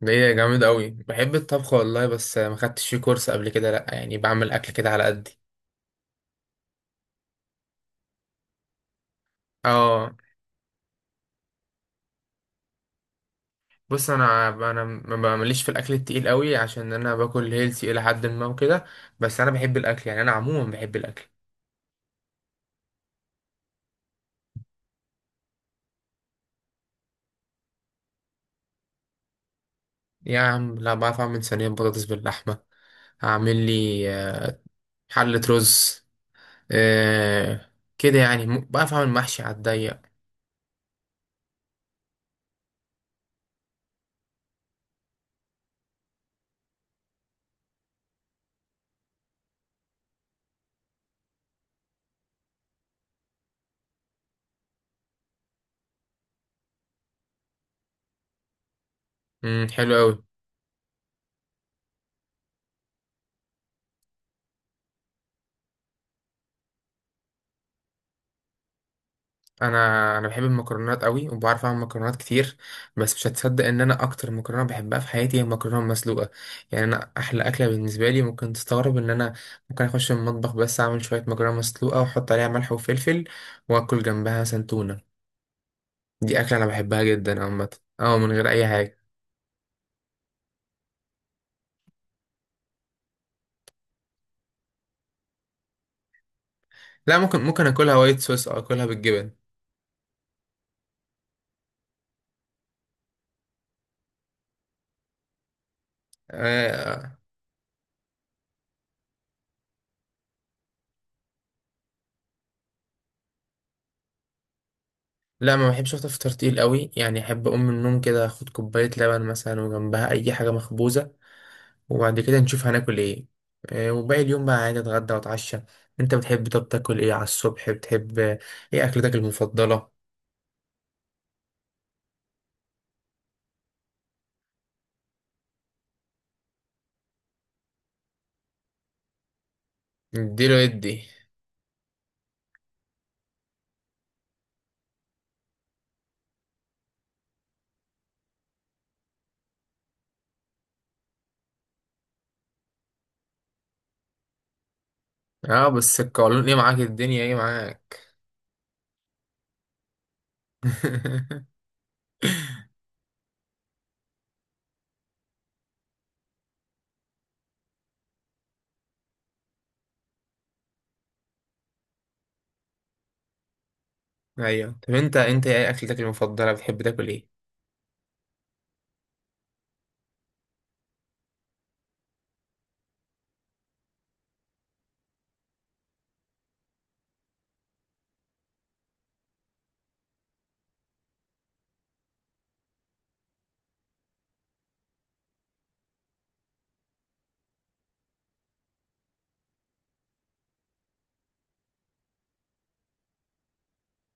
ده ايه جامد قوي، بحب الطبخ والله، بس ما خدتش فيه كورس قبل كده. لا يعني بعمل اكل كده على قدي. اه، بص انا ما بعملش في الاكل التقيل قوي عشان انا باكل هيلثي الى حد ما وكده. بس انا بحب الاكل، يعني انا عموما بحب الاكل. يا عم لا، بعرف اعمل صينيه بطاطس باللحمه، هعمل لي حله رز، آه كده يعني، بعرف اعمل محشي على الضيق. امم، حلو قوي. انا بحب المكرونات قوي وبعرف اعمل مكرونات كتير. بس مش هتصدق ان انا اكتر مكرونه بحبها في حياتي هي المكرونه المسلوقه. يعني انا احلى اكله بالنسبه لي، ممكن تستغرب ان انا ممكن اخش المطبخ بس اعمل شويه مكرونه مسلوقه واحط عليها ملح وفلفل واكل جنبها سنتونه. دي اكله انا بحبها جدا عامه. اه، من غير اي حاجه. لا، ممكن اكلها وايت صوص او اكلها بالجبن. آه. لا ما بحبش افطر فطار تقيل قوي، يعني احب اقوم من النوم كده اخد كوبايه لبن مثلا وجنبها اي حاجه مخبوزه، وبعد كده نشوف هناكل ايه. وباقي اليوم بقى عادي، اتغدى واتعشى. انت بتحب طب تاكل ايه على الصبح، بتحب ايه اكلتك المفضلة؟ اديله ادي. اه بس القولون ايه معاك، الدنيا ايه معاك؟ ايوه، طب انت ايه اكلتك المفضلة، بتحب تاكل ايه؟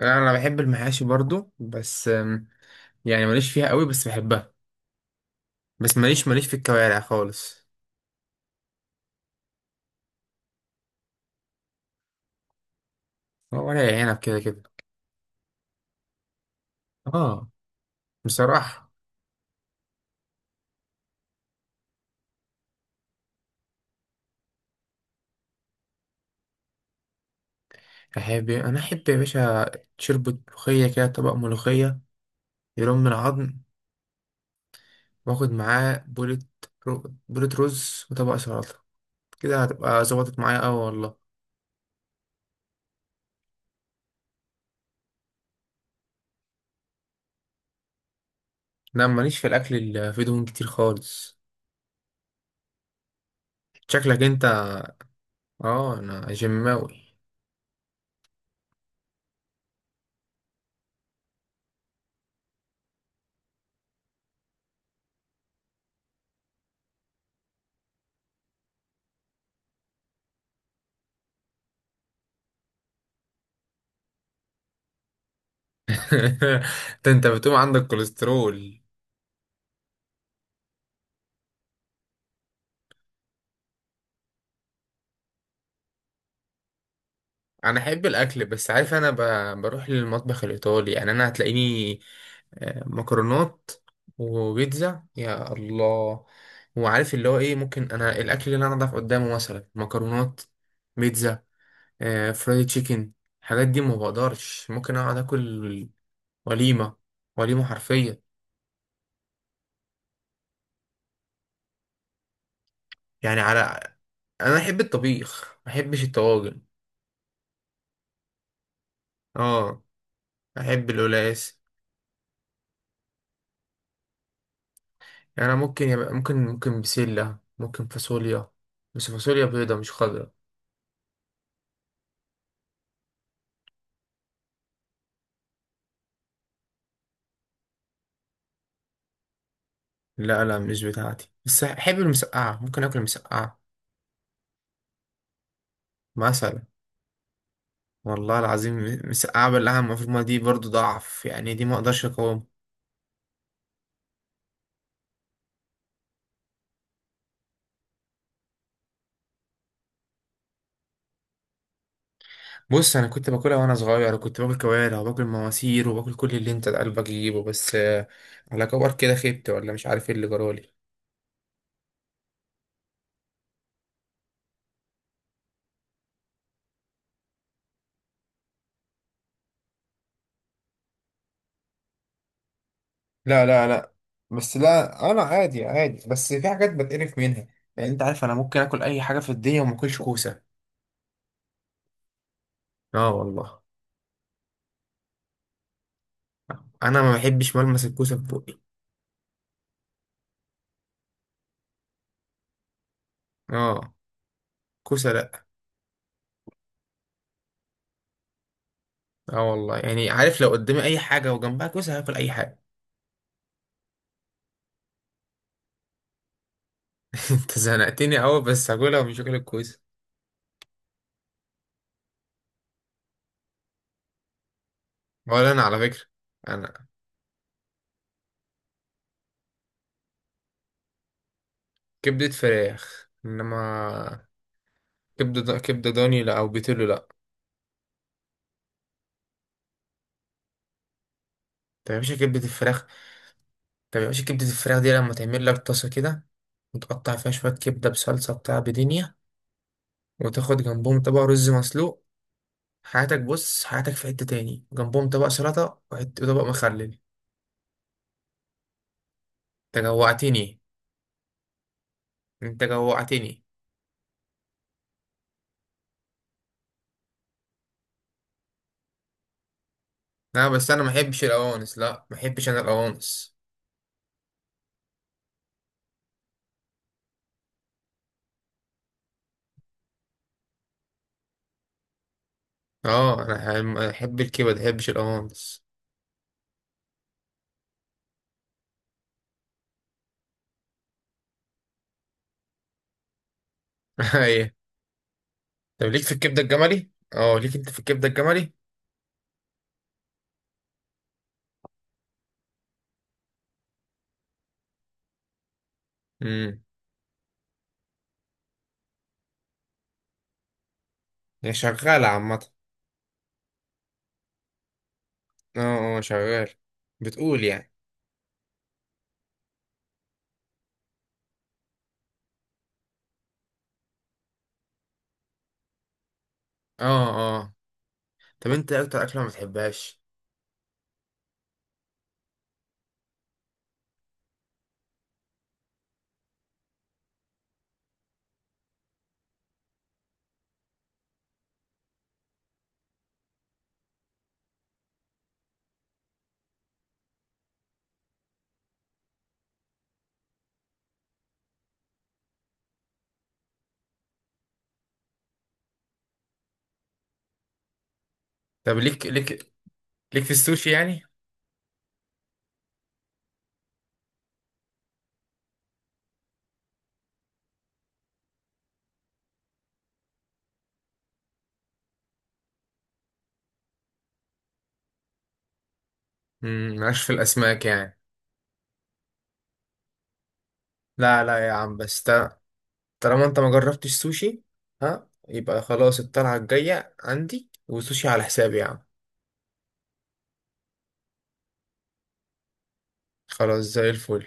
آه، انا بحب المحاشي برضو، بس يعني ماليش فيها قوي بس بحبها. بس ماليش في الكوارع خالص. هو ولا عنب كده كده. اه، بصراحة أحب، أنا أحب يا باشا شربة ملوخية كده، طبق ملوخية يرم من العظم، وآخد معاه بولة، بولة رز وطبق سلطة. كده هتبقى ظبطت معايا أوي والله. لا ماليش في الأكل اللي فيه دهون كتير خالص. شكلك أنت. آه أنا جماوي. ده أنت بتقوم عندك كوليسترول. انا احب الاكل بس عارف انا بروح للمطبخ الايطالي، يعني انا هتلاقيني مكرونات وبيتزا يا الله. وعارف اللي هو ايه، ممكن انا الاكل اللي انا اضعف قدامه مثلا مكرونات، بيتزا، فرايد تشيكن. الحاجات دي ما بقدرش، ممكن اقعد اكل وليمه، وليمه حرفيا. يعني على، انا احب الطبيخ ما احبش الطواجن. اه، احب القلقاس. يعني أنا ممكن يبقى ممكن بسلة، ممكن فاصوليا، بس فاصوليا بيضة مش خضرا. لا لا، مش بتاعتي، بس أحب المسقعة، ممكن آكل مسقعة مثلا. والله العظيم مسقعة بلها المفروض، ما دي برضو ضعف يعني، دي ما أقدرش أقاوم. بص أنا كنت باكلها وأنا صغير، وكنت باكل كوارع وباكل مواسير وباكل كل اللي أنت قلبك يجيبه. بس على كبر كده خبت ولا مش عارف إيه اللي جرالي. لا لا لا، بس لا أنا عادي عادي بس في حاجات بتقرف منها. يعني أنت عارف أنا ممكن آكل أي حاجة في الدنيا وما آكلش كوسة. اه والله. انا ما بحبش ملمس الكوسه في بوقي. اه، كوسه لا. اه والله، يعني عارف لو قدامي اي حاجه وجنبها كوسه هاكل اي حاجه. انت زنقتني قوي، بس هاكلها ومش هاكل الكوسه. ولا انا على فكره. انا، كبده فراخ انما، كبده كبده ضاني لا، او بيتلو لا. طب يا باشا كبده الفراخ. طب يا باشا كبده الفراخ دي لما تعمل لك طاسه كده، وتقطع فيها شويه كبده بصلصه بتاع بدنيا، وتاخد جنبهم طبق رز مسلوق، حياتك، بص حياتك في حتة تاني، جنبهم طبق سلطة وطبق مخلل. انت جوعتني. انت جوعتني. لا بس انا ما احبش القوانص، لا ما احبش انا القوانص. اه انا احب الكبد ما احبش القوانص. ايه؟ طب ليك في الكبدة الجملي؟ اه ليك انت في الكبدة الجملي؟ امم. هي شغالة عامة. اه اه، شغال. بتقول يعني. اه. اه. طب انت إيه اكتر اكلة ما بتحبهاش؟ طب ليك ليك في السوشي يعني؟ امم، مالكش في الاسماك يعني. لا لا يا عم، بس طالما انت ما جربتش سوشي، ها، يبقى خلاص الطلعة الجاية عندي وسوشي على حسابي يا عم. خلاص، زي الفل.